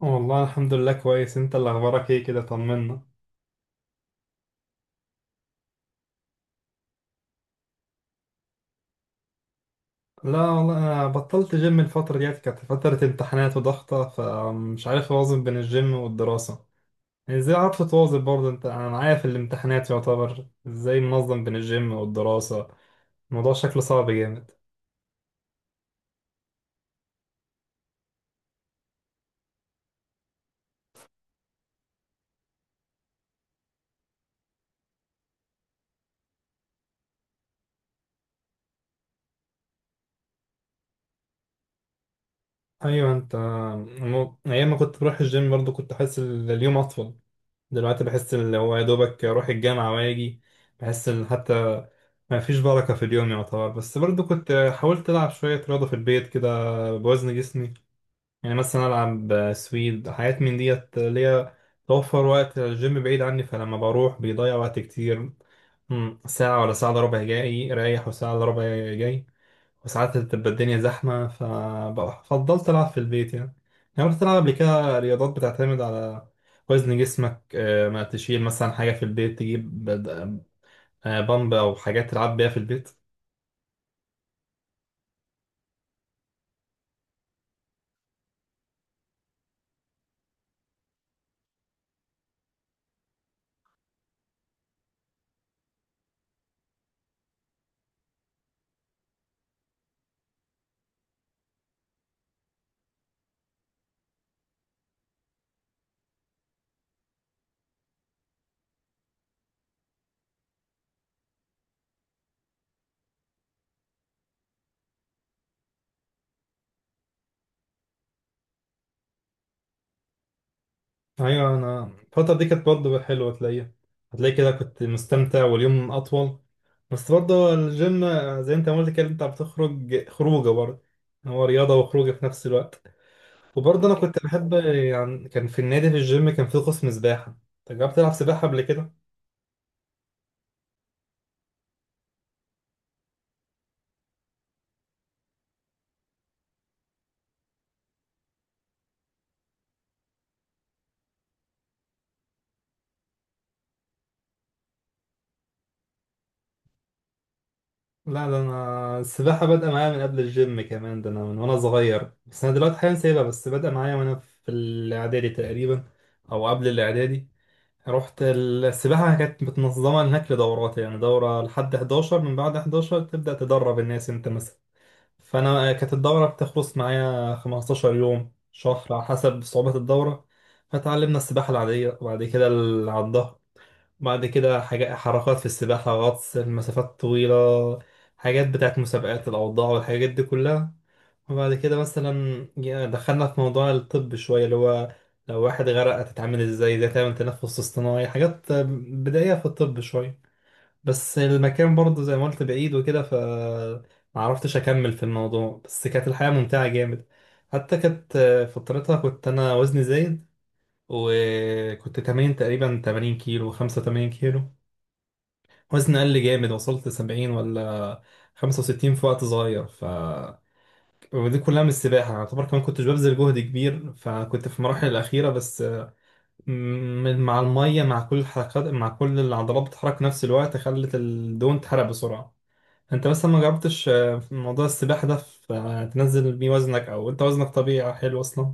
والله الحمد لله كويس. انت اللي اخبارك ايه كده؟ طمنا. لا والله انا بطلت جيم، الفترة ديت كانت فترة امتحانات وضغطة، فمش عارف اوازن بين الجيم والدراسة. يعني ازاي عارف تواظب برضه انت؟ انا معايا في الامتحانات يعتبر ازاي منظم بين الجيم والدراسة؟ الموضوع شكله صعب جامد. ايوه انت. ايام ما كنت بروح الجيم برضه كنت احس اليوم اطول. دلوقتي بحس ان هو يا دوبك اروح الجامعه واجي. بحس ان حتى ما فيش بركه في اليوم يعتبر. بس برضو كنت حاولت العب شويه رياضه في البيت كده، بوزن جسمي. يعني مثلا العب سويد، حاجات من ديت اللي هي توفر وقت. الجيم بعيد عني فلما بروح بيضيع وقت كتير. ساعه ولا ساعه الا ربع جاي رايح، وساعه الا ربع جاي. وساعات بتبقى الدنيا زحمة، ففضلت ألعب في البيت يعني. يعني رحت ألعب قبل كده رياضات بتعتمد على وزن جسمك. ما تشيل مثلا حاجة في البيت، تجيب بامب أو حاجات تلعب بيها في البيت. أيوة، أنا الفترة دي كانت برضه حلوة تلاقيها، هتلاقي كده كنت مستمتع واليوم أطول. بس برضه الجيم، زي أنت ما قلت كده، أنت بتخرج خروجة برضه. هو رياضة وخروجة في نفس الوقت. وبرضه انا كنت بحب يعني، كان في النادي في الجيم كان في قسم سباحه. انت جربت تلعب سباحه قبل كده؟ لا، ده انا السباحه بادئه معايا من قبل الجيم كمان، ده انا من وانا صغير، بس انا دلوقتي حاليا سايبها. بس بادئه معايا وانا في الاعدادي تقريبا، او قبل الاعدادي. رحت السباحه كانت متنظمه هناك لدورات، يعني دوره لحد 11، من بعد 11 تبدا تدرب الناس انت. فانا كانت الدوره بتخلص معايا 15 يوم، شهر، على حسب صعوبه الدوره. فتعلمنا السباحه العاديه، وبعد كده على الظهر. بعد كده حاجات، حركات في السباحه، غطس، المسافات الطويله، حاجات بتاعت مسابقات، الاوضاع والحاجات دي كلها. وبعد كده مثلا دخلنا في موضوع الطب شويه، اللي هو لو واحد غرق هتتعامل ازاي، ازاي تعمل تنفس اصطناعي، حاجات بدائيه في الطب شويه. بس المكان برضه زي ما قلت بعيد وكده، ف ما عرفتش اكمل في الموضوع. بس كانت الحياة ممتعة جامد. حتى كانت فترتها كنت انا وزني زايد، وكنت تمرين تقريبا 80 كيلو، 85 كيلو. وزني قل جامد، وصلت 70 ولا 65 في وقت صغير. ف ودي كلها من السباحة يعتبر. كمان كنتش ببذل جهد كبير، فكنت في المراحل الأخيرة بس مع المية، مع كل الحركات، مع كل العضلات بتتحرك نفس الوقت، خلت الدهون تحرق بسرعة. انت مثلا ما جربتش، في موضوع السباحة ده، في تنزل بيه وزنك، او انت وزنك طبيعي حلو اصلا؟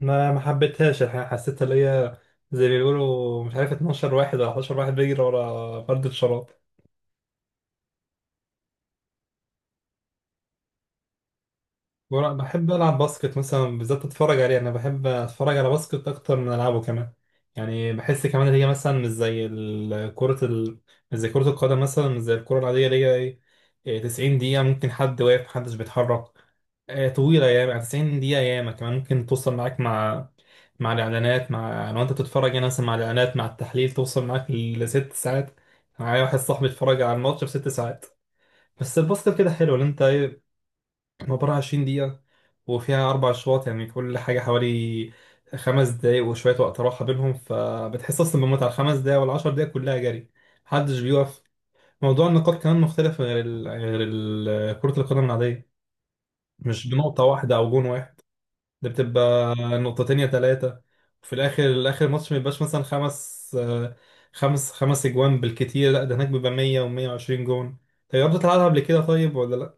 ما حبيتهاش الحقيقة. حسيت اللي هي زي ما بيقولوا، مش عارف، 12 واحد ولا 11 واحد بيجري ورا فرد الشراب. بحب ألعب باسكت مثلا، بالذات أتفرج عليه. أنا بحب أتفرج على باسكت أكتر من ألعبه كمان. يعني بحس كمان إن هي مثلا مش زي كرة مش زي كرة القدم مثلا، مش زي الكرة العادية اللي هي إيه. 90 دقيقة ممكن حد واقف محدش بيتحرك. طويلة ياما، 90 دقيقة ياما كمان ممكن توصل معاك مع، مع الإعلانات، مع لو أنت بتتفرج يعني مثلا، مع الإعلانات مع التحليل، توصل معاك لست ساعات. معايا واحد صاحبي اتفرج على الماتش بست ساعات. بس الباسكت كده حلو، اللي أنت عبارة عن 20 دقيقة، وفيها أربع أشواط. يعني كل حاجة حوالي خمس دقايق وشوية، وقت راحة بينهم. فبتحس أصلا بالمتعة. الخمس دقايق والعشر دقايق كلها جري، محدش بيقف. موضوع النقاط كمان مختلف غير كرة القدم العادية. مش بنقطة واحدة أو جون واحد، ده بتبقى نقطتين يا تلاتة. وفي الآخر، آخر ماتش ما يبقاش مثلا خمس آه، خمس خمس أجوان بالكتير. لا، ده هناك بيبقى 100 و120 جون. طيب جربت تلعبها قبل كده طيب ولا لا؟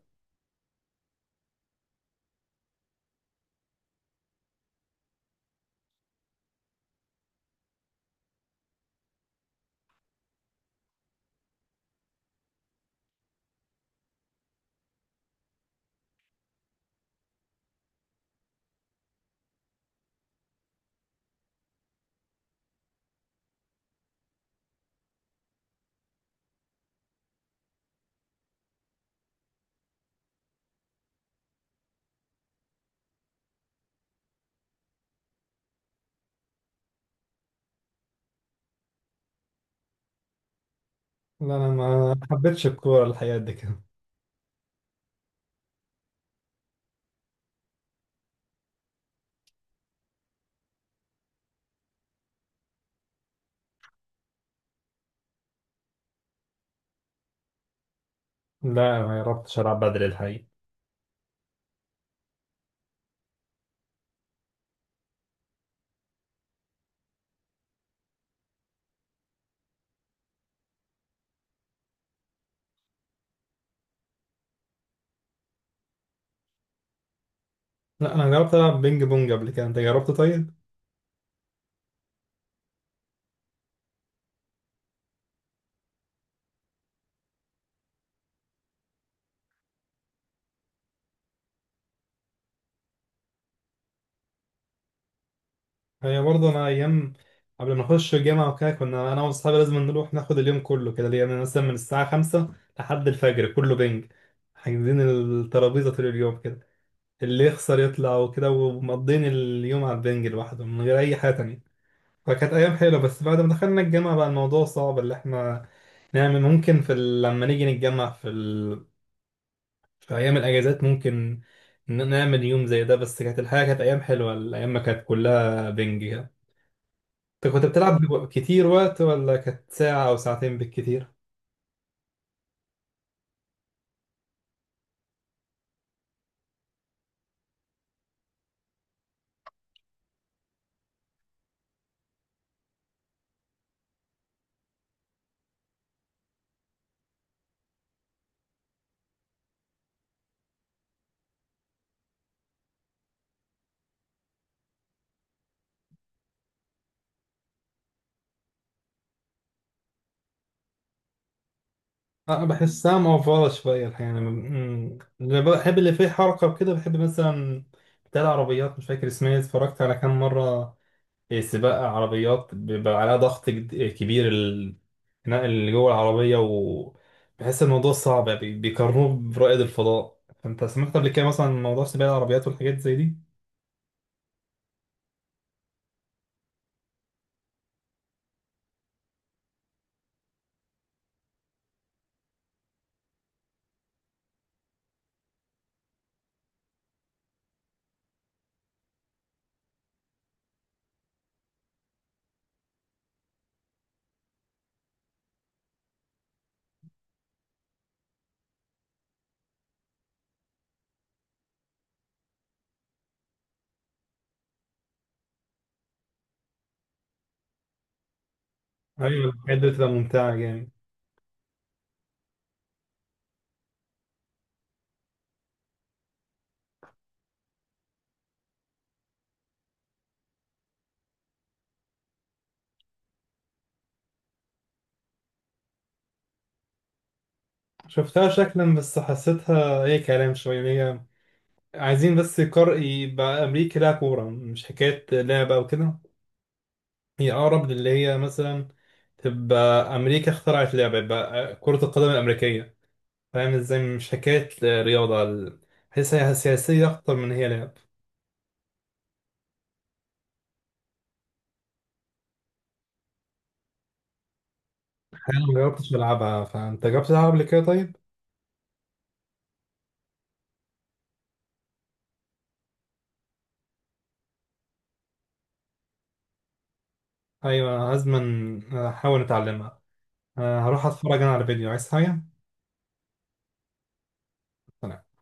لا أنا ما حبيتش الكورة الحقيقة قد كده. لا، ما جربتش ألعب بدل الحقيقة. لا أنا جربت ألعب بينج بونج قبل كده، أنت جربت طيب؟ هي برضه، أنا أيام قبل ما نخش الجامعة وكده، كنا أنا وأصحابي لازم نروح ناخد اليوم كله كده، يعني مثلا من الساعة خمسة لحد الفجر كله بينج، حاجزين الترابيزة طول اليوم كده، اللي يخسر يطلع وكده. ومقضين اليوم على البنج لوحده من غير أي حاجة تانية. فكانت أيام حلوة. بس بعد ما دخلنا الجامعة بقى الموضوع صعب، اللي إحنا نعمل ممكن في لما نيجي نتجمع في في أيام الأجازات، ممكن نعمل يوم زي ده. بس كانت الحياة، كانت أيام حلوة، الأيام ما كانت كلها بنج كده. أنت كنت بتلعب كتير وقت، ولا كانت ساعة أو ساعتين بالكتير؟ أه بحسها موفرة شوية الحقيقة. أنا اللي بحب اللي فيه حركة وكده، بحب مثلا بتاع العربيات مش فاكر اسمها، اتفرجت على كام مرة سباق عربيات بيبقى عليها ضغط كبير. الخناق اللي جوه العربية وبحس الموضوع صعب يعني، بيقارنوه برائد الفضاء. فأنت سمعت قبل كده مثلا عن موضوع سباق العربيات والحاجات زي دي؟ أيوة ايوه، الحاجات دي بتبقى ممتعة جامد. شفتها شكلا بس حسيتها أي كلام شوية، إن هي عايزين بس يقر، يبقى أمريكا لها كورة، مش حكاية لعبة أو كده. هي أقرب للي هي مثلا تبقى أمريكا اخترعت لعبة، يبقى كرة القدم الأمريكية. فاهم ازاي؟ مش حكاية رياضة بحسها سياسية أكتر من هي لعب. أنا ما جربتش ألعبها، فأنت جربت تلعب قبل كده طيب؟ أيوة لازما أحاول أتعلمها. أه، هروح أتفرج أنا على فيديو. عايز حاجة؟ سلام.